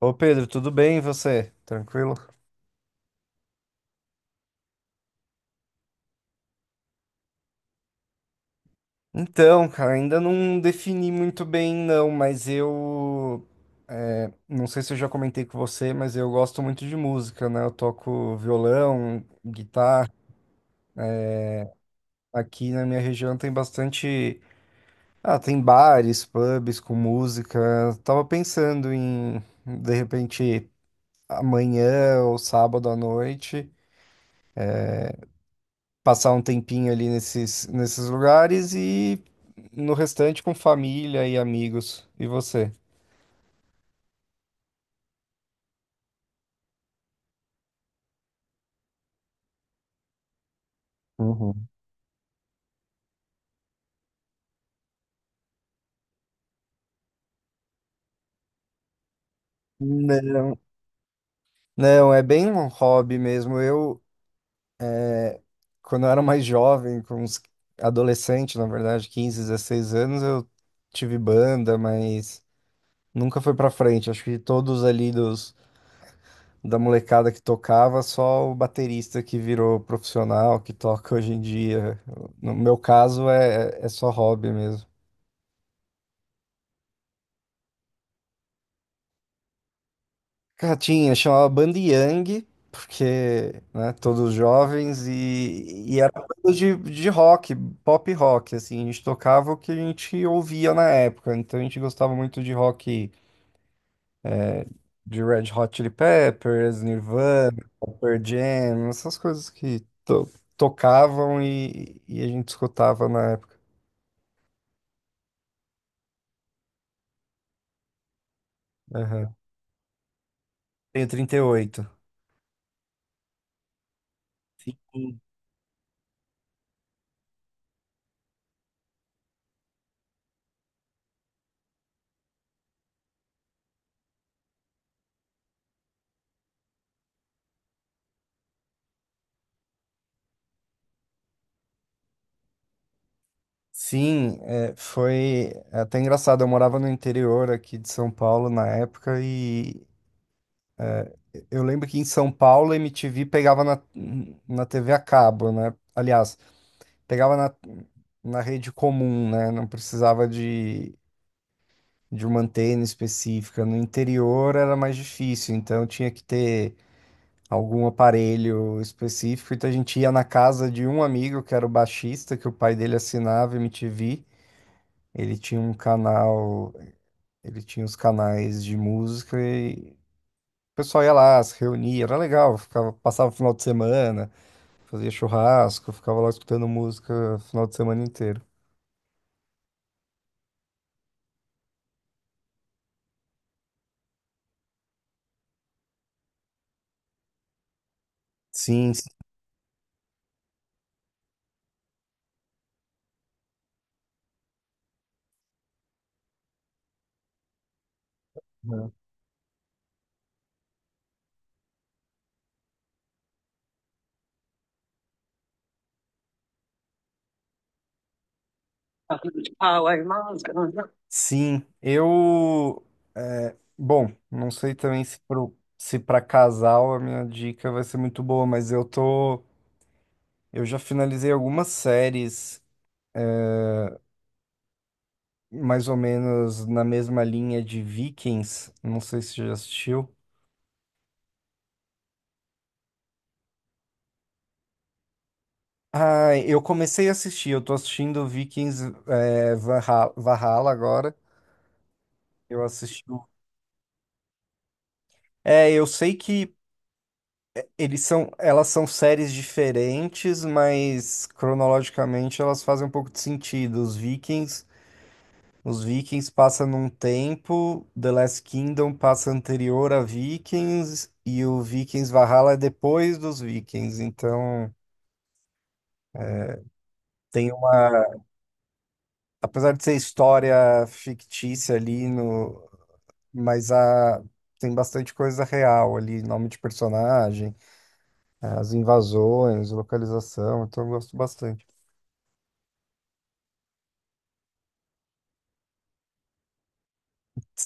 Ô Pedro, tudo bem e você? Tranquilo? Então, cara, ainda não defini muito bem, não, mas eu. Não sei se eu já comentei com você, mas eu gosto muito de música, né? Eu toco violão, guitarra. Aqui na minha região tem bastante. Ah, tem bares, pubs com música. Eu tava pensando em, de repente, amanhã ou sábado à noite. Passar um tempinho ali nesses lugares e no restante com família e amigos. E você? Uhum. Não. Não, é bem um hobby mesmo. Eu, é, quando eu era mais jovem, com uns adolescente, na verdade, 15 16 anos, eu tive banda, mas nunca foi pra frente. Acho que todos ali dos da molecada que tocava, só o baterista que virou profissional, que toca hoje em dia. No meu caso, é só hobby mesmo. Cara, tinha, chamava Banda Yang, porque, né, todos jovens, e, era banda de rock, pop rock, assim, a gente tocava o que a gente ouvia na época, então a gente gostava muito de rock, é, de Red Hot Chili Peppers, Nirvana, Pearl Jam, essas coisas que tocavam e, a gente escutava na época. Aham. Tenho 38. Sim, é, foi até engraçado. Eu morava no interior aqui de São Paulo na época e eu lembro que em São Paulo a MTV pegava na TV a cabo, né? Aliás, pegava na rede comum, né? Não precisava de uma antena específica. No interior era mais difícil, então tinha que ter algum aparelho específico. Então a gente ia na casa de um amigo que era o baixista, que o pai dele assinava MTV. Ele tinha um canal. Ele tinha os canais de música e o pessoal ia lá, se reunia, era legal, ficava, passava o final de semana, fazia churrasco, ficava lá escutando música o final de semana inteiro. Sim, sim. Uhum. How sim, eu. Bom, não sei também se para casal a minha dica vai ser muito boa, mas eu tô. Eu já finalizei algumas séries mais ou menos na mesma linha de Vikings, não sei se você já assistiu. Ah, eu comecei a assistir, eu tô assistindo Vikings Valhalla agora. Eu assisti. O- É, eu sei que elas são séries diferentes, mas cronologicamente elas fazem um pouco de sentido. Os Vikings passa num tempo, The Last Kingdom passa anterior a Vikings e o Vikings Valhalla é depois dos Vikings. Então tem uma, apesar de ser história fictícia ali no mas a, tem bastante coisa real ali, nome de personagem, as invasões, localização, então eu gosto bastante.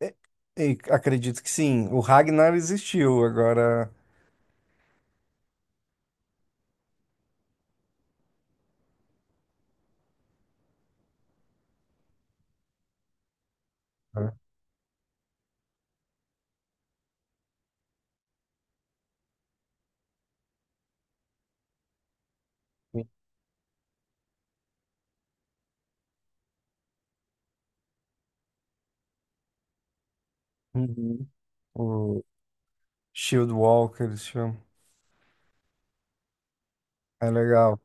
E, acredito que sim, o Ragnar existiu, agora... Uhum. O Shield Walker, esse filme. É legal.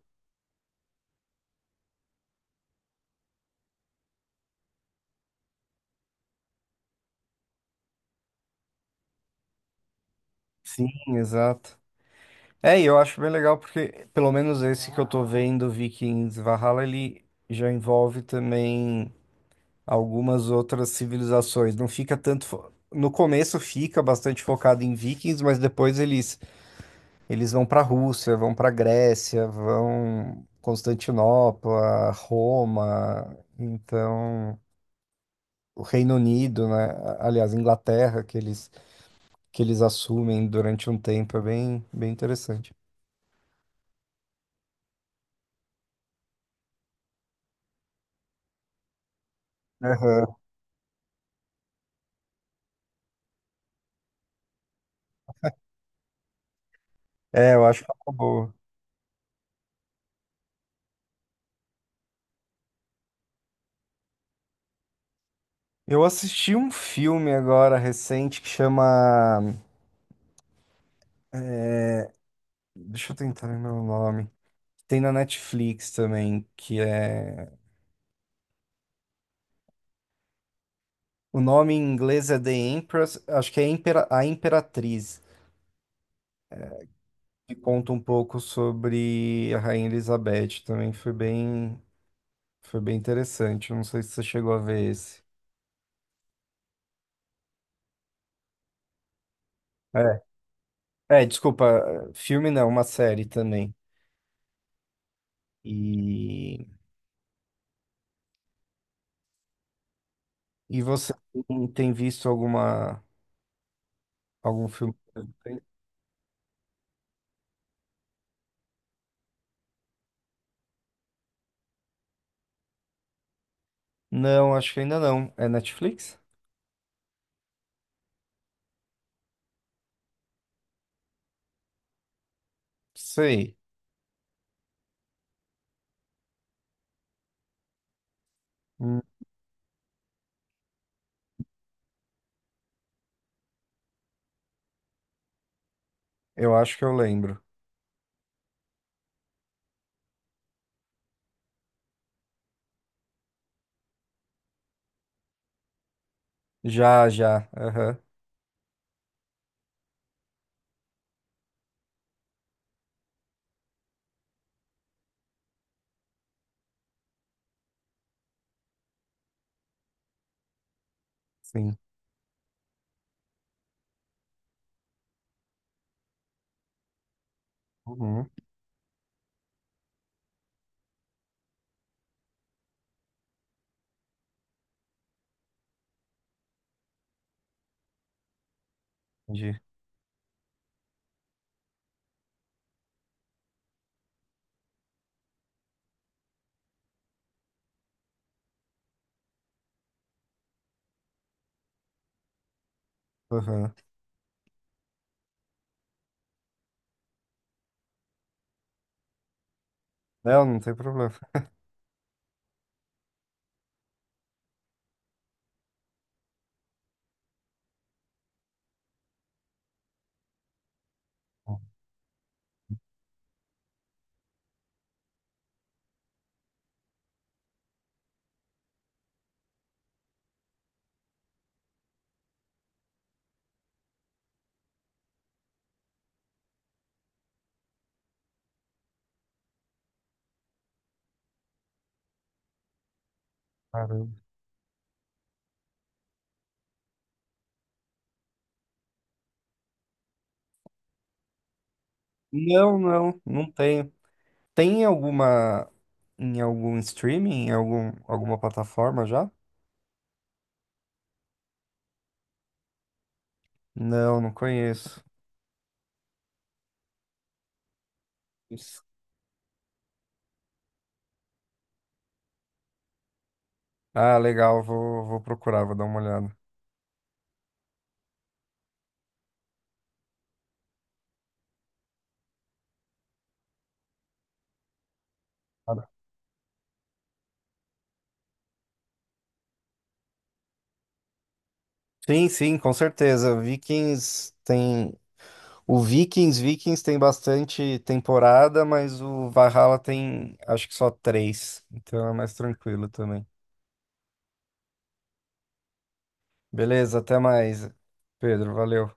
Sim, exato. É, e eu acho bem legal porque, pelo menos esse que eu tô vendo, Vikings Valhalla, ele já envolve também. Algumas outras civilizações. Não fica tanto. No começo fica bastante focado em vikings, mas depois eles, eles vão para a Rússia, vão para a Grécia, vão Constantinopla, Roma, então o Reino Unido, né? Aliás, Inglaterra, que eles assumem durante um tempo, é bem interessante. Aham. É, eu acho que é uma boa. Eu assisti um filme agora recente que chama. Deixa eu tentar lembrar o nome. Tem na Netflix também, que é. O nome em inglês é The Empress, acho que é A Imperatriz, que conta um pouco sobre a Rainha Elizabeth. Também foi bem interessante. Eu não sei se você chegou a ver esse. É, desculpa, filme não, uma série também. E, você tem visto alguma, algum filme? Não, acho que ainda não. É Netflix? Sei. Hum, Eu acho que eu lembro. Já, já. Aham. Sim. Uhum, entendi. Aham. Não, não tem problema. Caramba. Não, não, não tenho. Tem alguma em algum streaming, em algum, alguma plataforma já? Não, não conheço. Isso. Ah, legal, vou, vou procurar, vou dar uma olhada. Cara. Sim, sim, com certeza. Vikings tem. O Vikings, Vikings tem bastante temporada, mas o Valhalla tem acho que só 3. Então é mais tranquilo também. Beleza, até mais, Pedro. Valeu.